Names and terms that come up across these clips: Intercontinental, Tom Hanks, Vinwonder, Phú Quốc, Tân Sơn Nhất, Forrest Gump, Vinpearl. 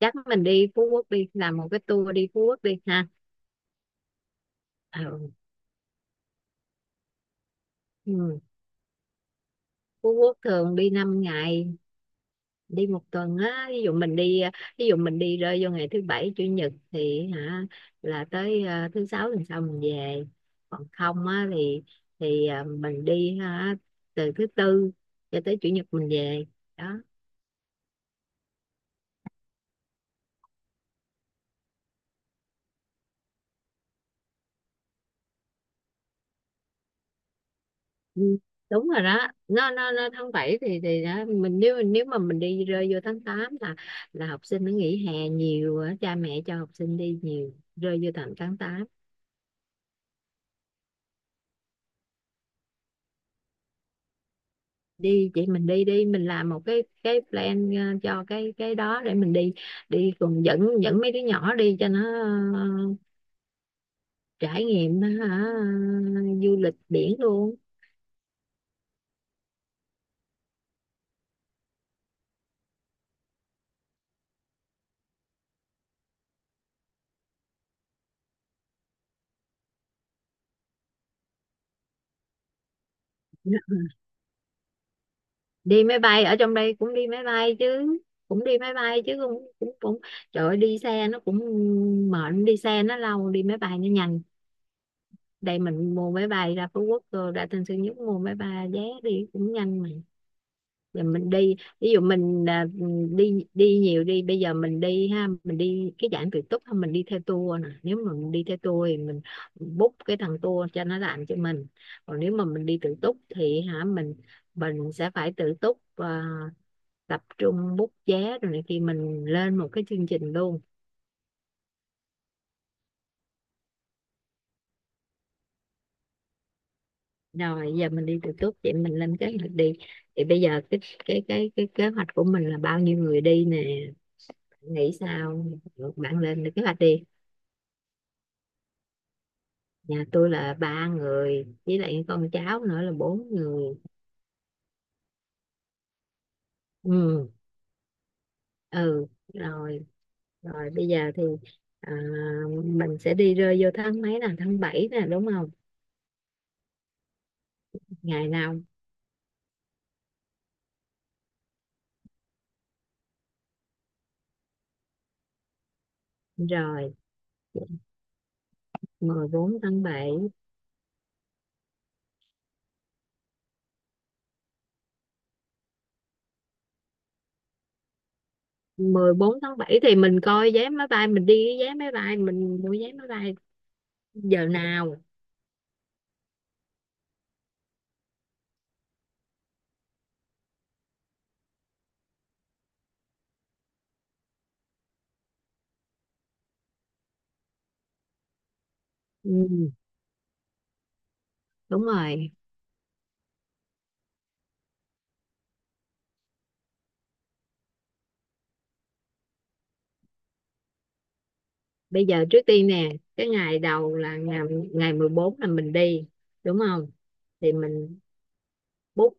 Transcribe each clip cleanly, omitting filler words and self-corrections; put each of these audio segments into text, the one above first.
Chắc mình đi Phú Quốc, đi làm một cái tour đi Phú Quốc đi ha. Ừ. Ừ. Phú Quốc thường đi 5 ngày, đi một tuần á. Ví dụ mình đi, ví dụ mình đi rơi vô ngày thứ bảy chủ nhật thì hả, là tới thứ sáu tuần sau mình về. Còn không á thì mình đi hả, từ thứ tư cho tới chủ nhật mình về đó. Ừ, đúng rồi đó. Nó tháng 7 thì đó. Mình nếu nếu mà mình đi rơi vô tháng 8 là học sinh nó nghỉ hè nhiều á, cha mẹ cho học sinh đi nhiều rơi vô tầm tháng tám. Đi chị, mình đi đi, mình làm một cái plan cho cái đó để mình đi, đi cùng, dẫn dẫn mấy đứa nhỏ đi cho nó ờ, trải nghiệm hả, du lịch biển luôn. Ừ. Đi máy bay, ở trong đây cũng đi máy bay chứ, cũng đi máy bay chứ, cũng cũng cũng trời ơi, đi xe nó cũng mệt, đi xe nó lâu, đi máy bay nó nhanh. Đây mình mua máy bay ra Phú Quốc, rồi ra Tân Sơn Nhất mua máy bay vé đi cũng nhanh mà. Giờ mình đi ví dụ mình đi đi nhiều đi. Bây giờ mình đi ha, mình đi cái dạng tự túc ha, mình đi theo tour nè. Nếu mà mình đi theo tour thì mình book cái thằng tour cho nó làm cho mình. Còn nếu mà mình đi tự túc thì hả, mình sẽ phải tự túc, tập trung bút vé rồi này kia, mình lên một cái chương trình luôn. Rồi giờ mình đi từ túc vậy, mình lên kế hoạch đi. Thì bây giờ cái cái kế hoạch của mình là bao nhiêu người đi nè? Bạn nghĩ sao? Được, bạn lên được kế hoạch đi. Nhà tôi là ba người với lại con cháu nữa là bốn người. Ừ. Ừ, rồi. Rồi bây giờ thì à, mình sẽ đi rơi vô tháng mấy nè, tháng 7 nè, đúng không? Ngày nào? Rồi, mười bốn tháng bảy. Mười bốn tháng 7 thì mình coi vé máy bay, mình đi cái vé máy bay, mình mua vé máy bay giờ nào. Ừ, đúng rồi. Bây giờ trước tiên nè, cái ngày đầu là ngày, ngày 14 là mình đi đúng không? Thì mình book,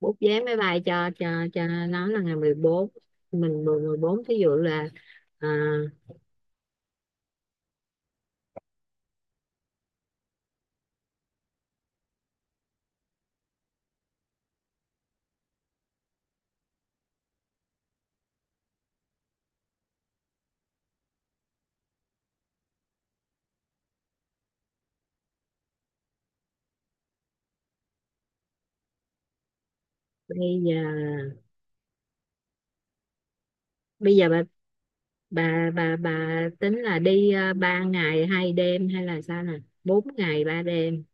vé máy bay cho cho nó là ngày mười bốn. Mình mười, 14 thí dụ là à, bây giờ, bây giờ bà, bà tính là đi 3 ngày hai đêm hay là sao nè, 4 ngày 3 đêm?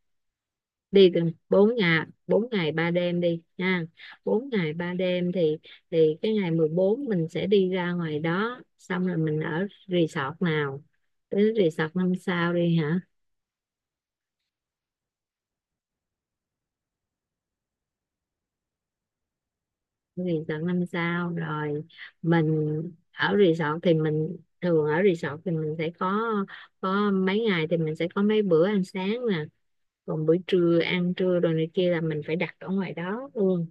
Đi từ 4 ngày, 4 ngày 3 đêm đi nha. Bốn ngày 3 đêm thì cái ngày 14 mình sẽ đi ra ngoài đó, xong rồi mình ở resort nào. Tới resort năm sao đi hả. Resort năm sao rồi. Mình ở resort thì mình thường, ở resort thì mình sẽ có mấy ngày thì mình sẽ có mấy bữa ăn sáng nè, còn bữa trưa, ăn trưa rồi này kia là mình phải đặt ở ngoài đó luôn.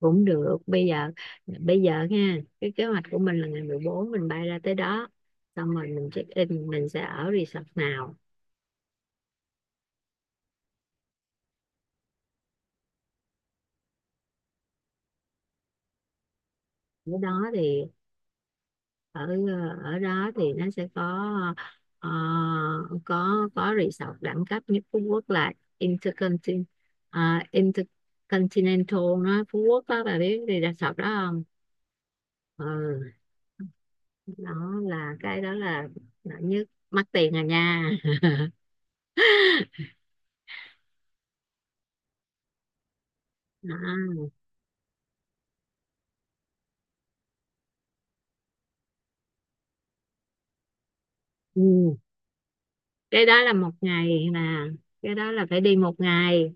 Cũng được. Bây giờ, bây giờ nha, cái kế hoạch của mình là ngày 14 mình bay ra tới đó, xong rồi mình check in, mình sẽ ở resort nào. Ở đó thì, ở ở đó thì nó sẽ có ờ, có resort đẳng cấp nhất Phú Quốc là Intercontinental. Intercontinental nó Phú Quốc đó, bà biết đi resort đó không? Ừ, đó là, cái đó là đẳng nhất, mắc tiền à nha. Đó. Ừ. Cái đó là một ngày mà, cái đó là phải đi một ngày.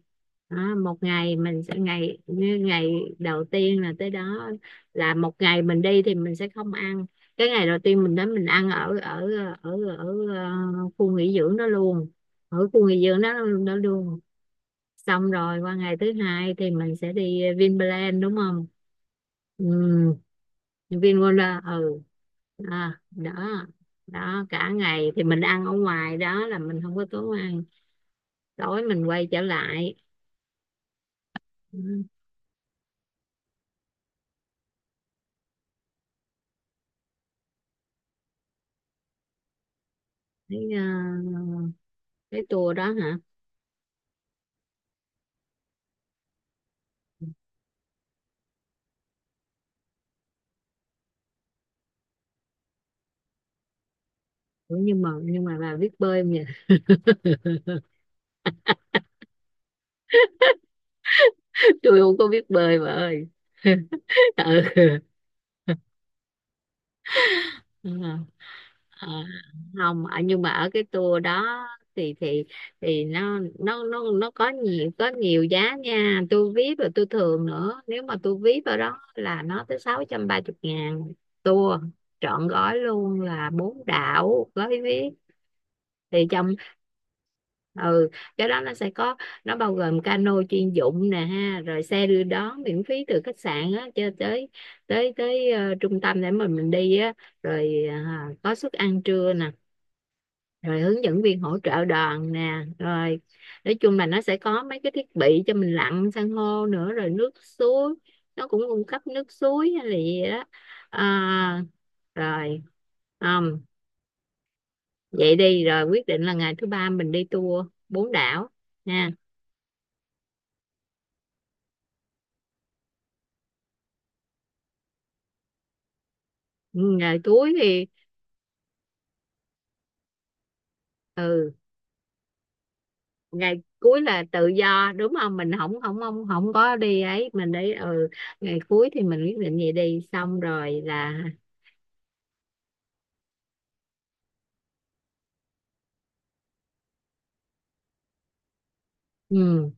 Đó, một ngày mình sẽ, ngày như ngày đầu tiên là tới đó là một ngày. Mình đi thì mình sẽ không ăn, cái ngày đầu tiên mình đến mình ăn ở ở ở ờ, khu nghỉ dưỡng đó luôn, ở khu nghỉ dưỡng đó, đó luôn. Xong rồi qua ngày thứ hai thì mình sẽ đi Vinpearl đúng không? Ừ, Vinwonder, ừ. À, đó. Đó, cả ngày thì mình ăn ở ngoài đó là mình không có tốn ăn, tối mình quay trở lại. Ừ, cái cái tour đó hả? Ủa, nhưng mà bà biết bơi không nhỉ? Tôi không có biết bơi bà ơi. Ừ. Ờ, ờ, không ở, nhưng mà ở cái tour đó thì thì nó có nhiều, có nhiều giá nha. Tôi VIP rồi tôi thường nữa, nếu mà tôi VIP ở đó là nó tới sáu trăm ba chục ngàn. Tour trọn gói luôn là bốn đảo gói VIP. Thì chồng, ừ, cái đó nó sẽ có, nó bao gồm cano chuyên dụng nè ha, rồi xe đưa đón miễn phí từ khách sạn á cho tới tới tới trung tâm để mà mình đi á, rồi có suất ăn trưa nè, rồi hướng dẫn viên hỗ trợ đoàn nè, rồi, nói chung là nó sẽ có mấy cái thiết bị cho mình lặn san hô nữa, rồi nước suối, nó cũng cung cấp nước suối hay là gì đó. à, rồi, không, vậy đi, rồi quyết định là ngày thứ ba mình đi tour bốn đảo nha. Ừ, ngày cuối thì, ừ, ngày cuối là tự do đúng không, mình không không không không có đi ấy, mình đi, ừ. Ngày cuối thì mình quyết định vậy đi xong rồi là, ừ,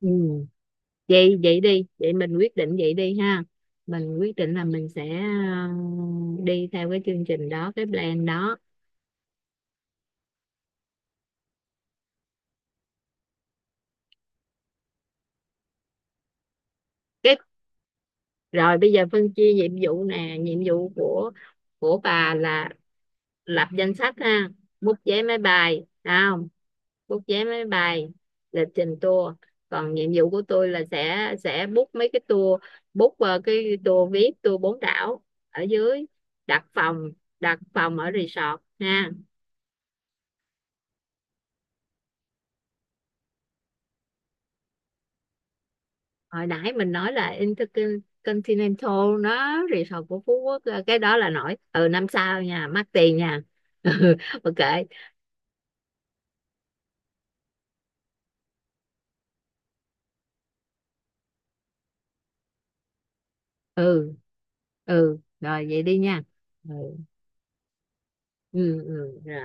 ừ, vậy, vậy đi vậy, mình quyết định vậy đi ha. Mình quyết định là mình sẽ đi theo cái chương trình đó, cái plan đó. Cái, rồi bây giờ phân chia nhiệm vụ nè. Nhiệm vụ của bà là lập danh sách ha, bút vé máy bay ha, bút vé máy bay, lịch trình tour. Còn nhiệm vụ của tôi là sẽ book mấy cái tour, book cái tour, viết tour bốn đảo ở dưới, đặt phòng, đặt phòng ở resort ha. Hồi nãy mình nói là Intercontinental nó resort của Phú Quốc cái đó là nổi, ừ, năm sao nha, mắc tiền nha. Ừ, ok. Ừ. Ừ, rồi, vậy đi nha. Ừ. Ừ, ừ. Rồi.